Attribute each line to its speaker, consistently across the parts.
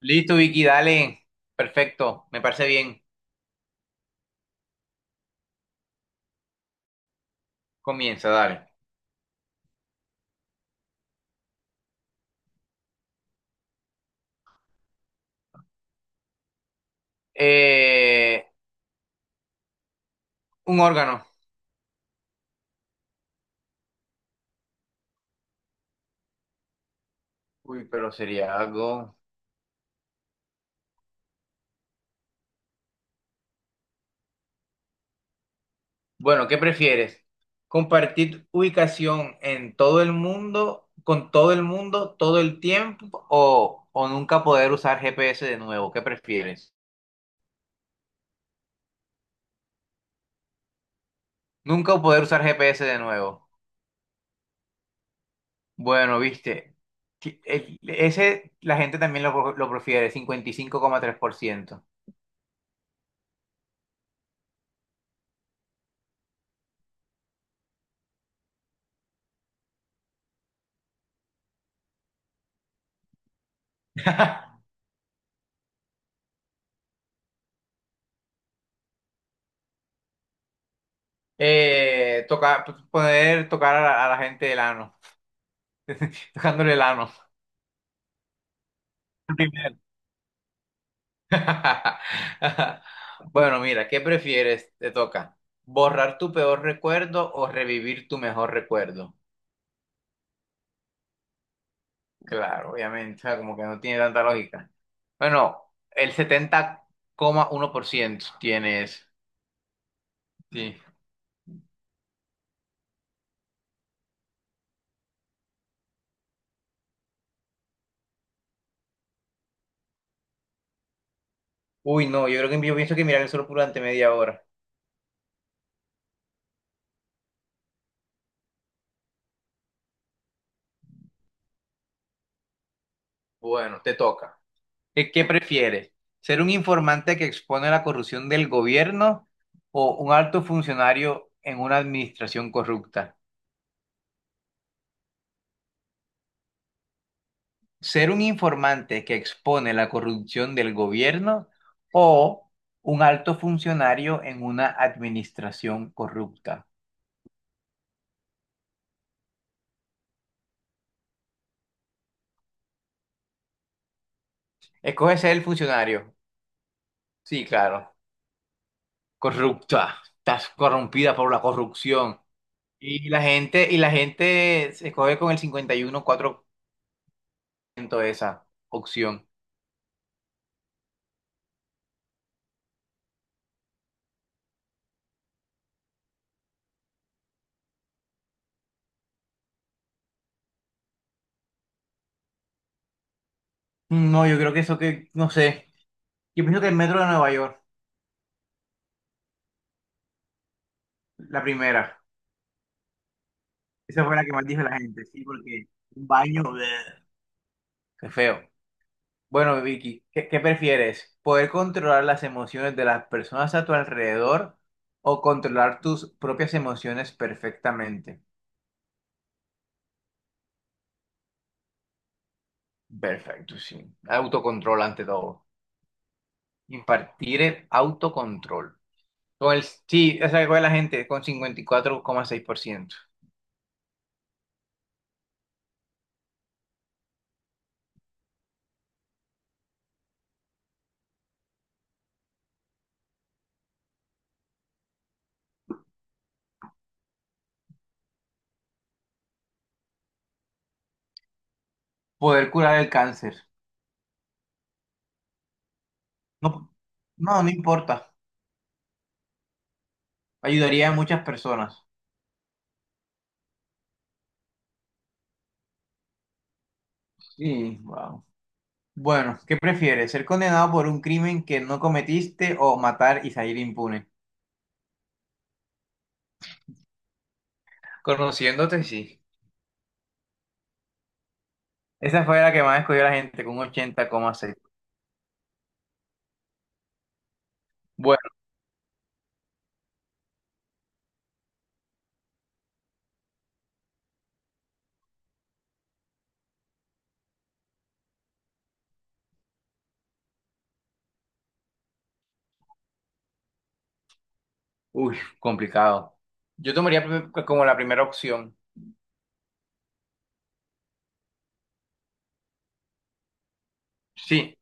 Speaker 1: Listo, Vicky, dale. Perfecto, me parece bien. Comienza, dale. Eh, un órgano. Uy, pero sería algo. Bueno, ¿qué prefieres? ¿Compartir ubicación en todo el mundo, con todo el mundo, todo el tiempo, o nunca poder usar GPS de nuevo? ¿Qué prefieres? Nunca poder usar GPS de nuevo. Bueno, viste, ese la gente también lo prefiere. 55,3%. Tocar, poder tocar a la gente el ano, tocándole el ano. Primero. Bueno, mira, ¿qué prefieres? Te toca. ¿Borrar tu peor recuerdo o revivir tu mejor recuerdo? Claro, obviamente, o sea, como que no tiene tanta lógica. Bueno, el 70,1% tienes. Sí. Uy, no, yo creo que yo pienso que mirar el sol durante media hora. Bueno, te toca. ¿Qué prefieres? ¿Ser un informante que expone la corrupción del gobierno o un alto funcionario en una administración corrupta? ¿Ser un informante que expone la corrupción del gobierno o un alto funcionario en una administración corrupta? Escoge ser el funcionario. Sí, claro. Corrupta. Estás corrompida por la corrupción. Y la gente se escoge con el 51,4% esa opción. No, yo creo que eso que, no sé. Yo pienso que el metro de Nueva York, la primera. Esa fue la que más dijo la gente, sí, porque un baño, bleh, qué feo. Bueno, Vicky, ¿qué, qué prefieres? ¿Poder controlar las emociones de las personas a tu alrededor o controlar tus propias emociones perfectamente? Perfecto, sí. Autocontrol ante todo. Impartir el autocontrol. Con el, sí, esa que fue la gente con 54,6%. Poder curar el cáncer. No, no, no importa. Ayudaría a muchas personas. Sí, wow. Bueno, ¿qué prefieres? ¿Ser condenado por un crimen que no cometiste o matar y salir impune? Conociéndote, sí. Esa fue la que más escogió la gente, con un 80,6. Bueno, uy, complicado. Yo tomaría como la primera opción. Sí.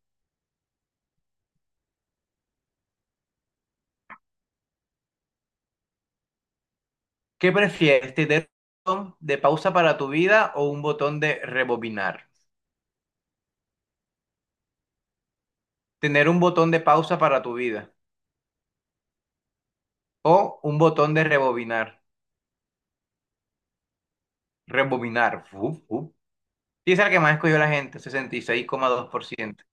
Speaker 1: ¿Qué prefieres? ¿Tener un botón de pausa para tu vida o un botón de rebobinar? Tener un botón de pausa para tu vida o un botón de rebobinar. Rebobinar. Uf, uf. Sí, es el que más escogió la gente, 66,2%.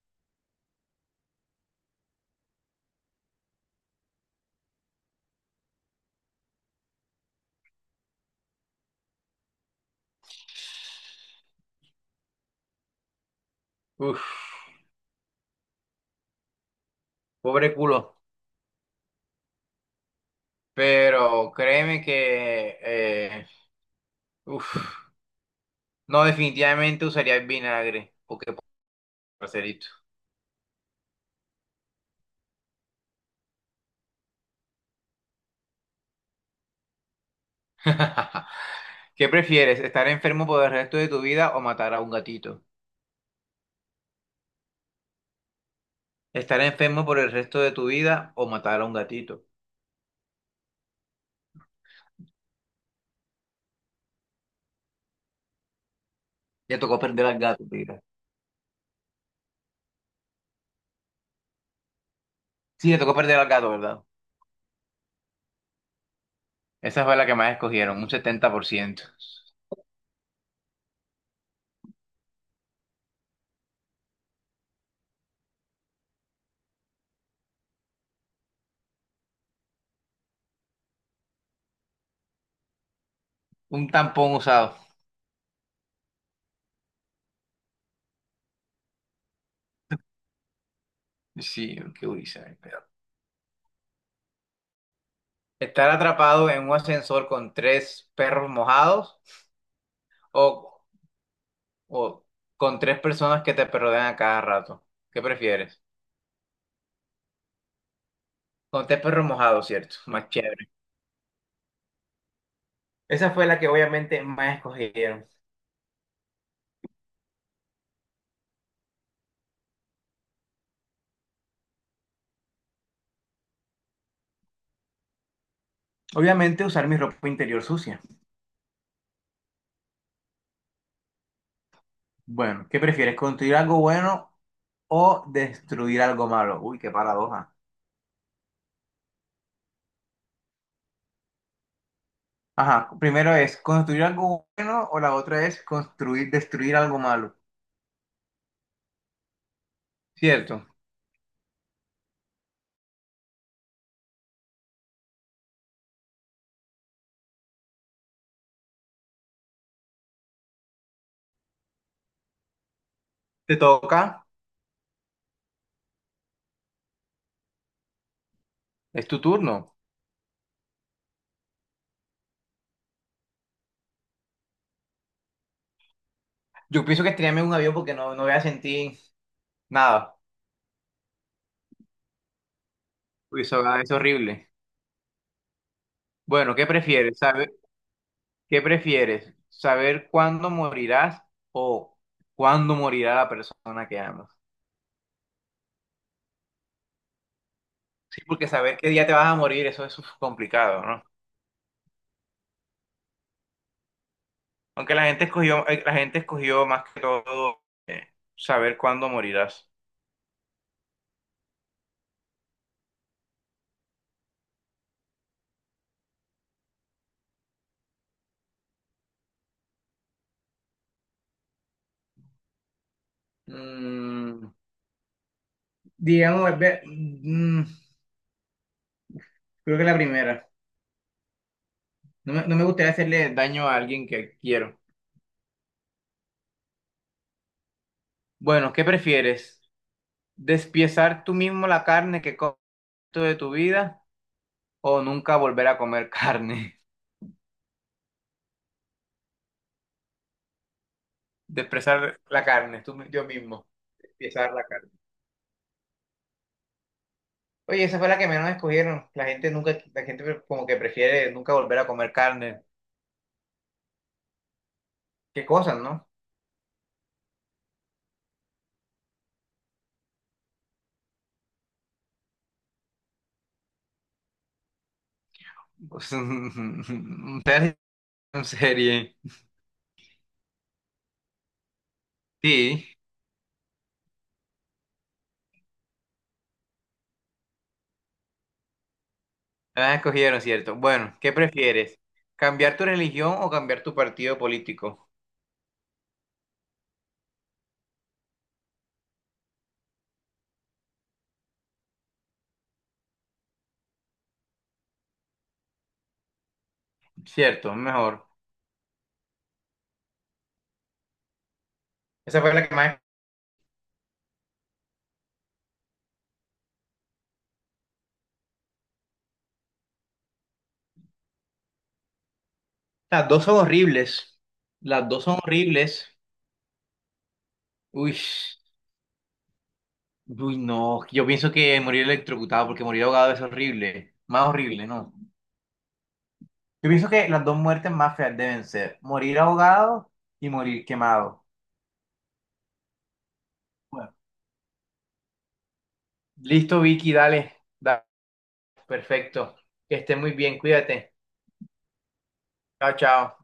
Speaker 1: Uf, pobre culo. Pero créeme que, uf, no, definitivamente usaría el vinagre. Porque, parcerito. ¿Qué prefieres, estar enfermo por el resto de tu vida o matar a un gatito? Estar enfermo por el resto de tu vida o matar a un gatito. Ya tocó perder al gato, mira. Sí, le tocó perder al gato, ¿verdad? Esa fue la que más escogieron, un 70%. Un tampón usado. Sí, qué duriza. Estar atrapado en un ascensor con tres perros mojados o, o con tres personas que te rodean a cada rato. ¿Qué prefieres? Con tres perros mojados, ¿cierto? Más chévere. Esa fue la que obviamente más escogieron. Obviamente usar mi ropa interior sucia. Bueno, ¿qué prefieres? ¿Construir algo bueno o destruir algo malo? Uy, qué paradoja. Ajá, primero es construir algo bueno o la otra es destruir algo malo. Cierto. Te toca, es tu turno. Yo pienso que estrellarme en un avión porque no, no voy a sentir nada. Uy, eso es horrible. Bueno, ¿qué prefieres? Saber? ¿Qué prefieres? ¿Saber cuándo morirás o cuándo morirá la persona que amas? Sí, porque saber qué día te vas a morir, eso es complicado, ¿no? Aunque la gente escogió más que todo eh, saber cuándo morirás. Mm, digamos, creo que la primera. No me gustaría hacerle daño a alguien que quiero. Bueno, ¿qué prefieres? ¿Despiezar tú mismo la carne que comes de tu vida o nunca volver a comer carne? Desprezar la carne, tú, yo mismo. Despiezar la carne. Oye, esa fue la que menos escogieron. La gente como que prefiere nunca volver a comer carne. Qué cosas, ¿no? Pues, un serie. Sí, la escogieron, ¿cierto? Bueno, ¿qué prefieres? ¿Cambiar tu religión o cambiar tu partido político? Cierto, mejor. Esa fue la que más. Las dos son horribles. Las dos son horribles. Uy, uy, no. Yo pienso que morir electrocutado, porque morir ahogado es horrible. Más horrible, ¿no? Yo pienso que las dos muertes más feas deben ser morir ahogado y morir quemado. Bueno, listo, Vicky, dale. Dale. Perfecto. Que esté muy bien, cuídate. Chao, chao.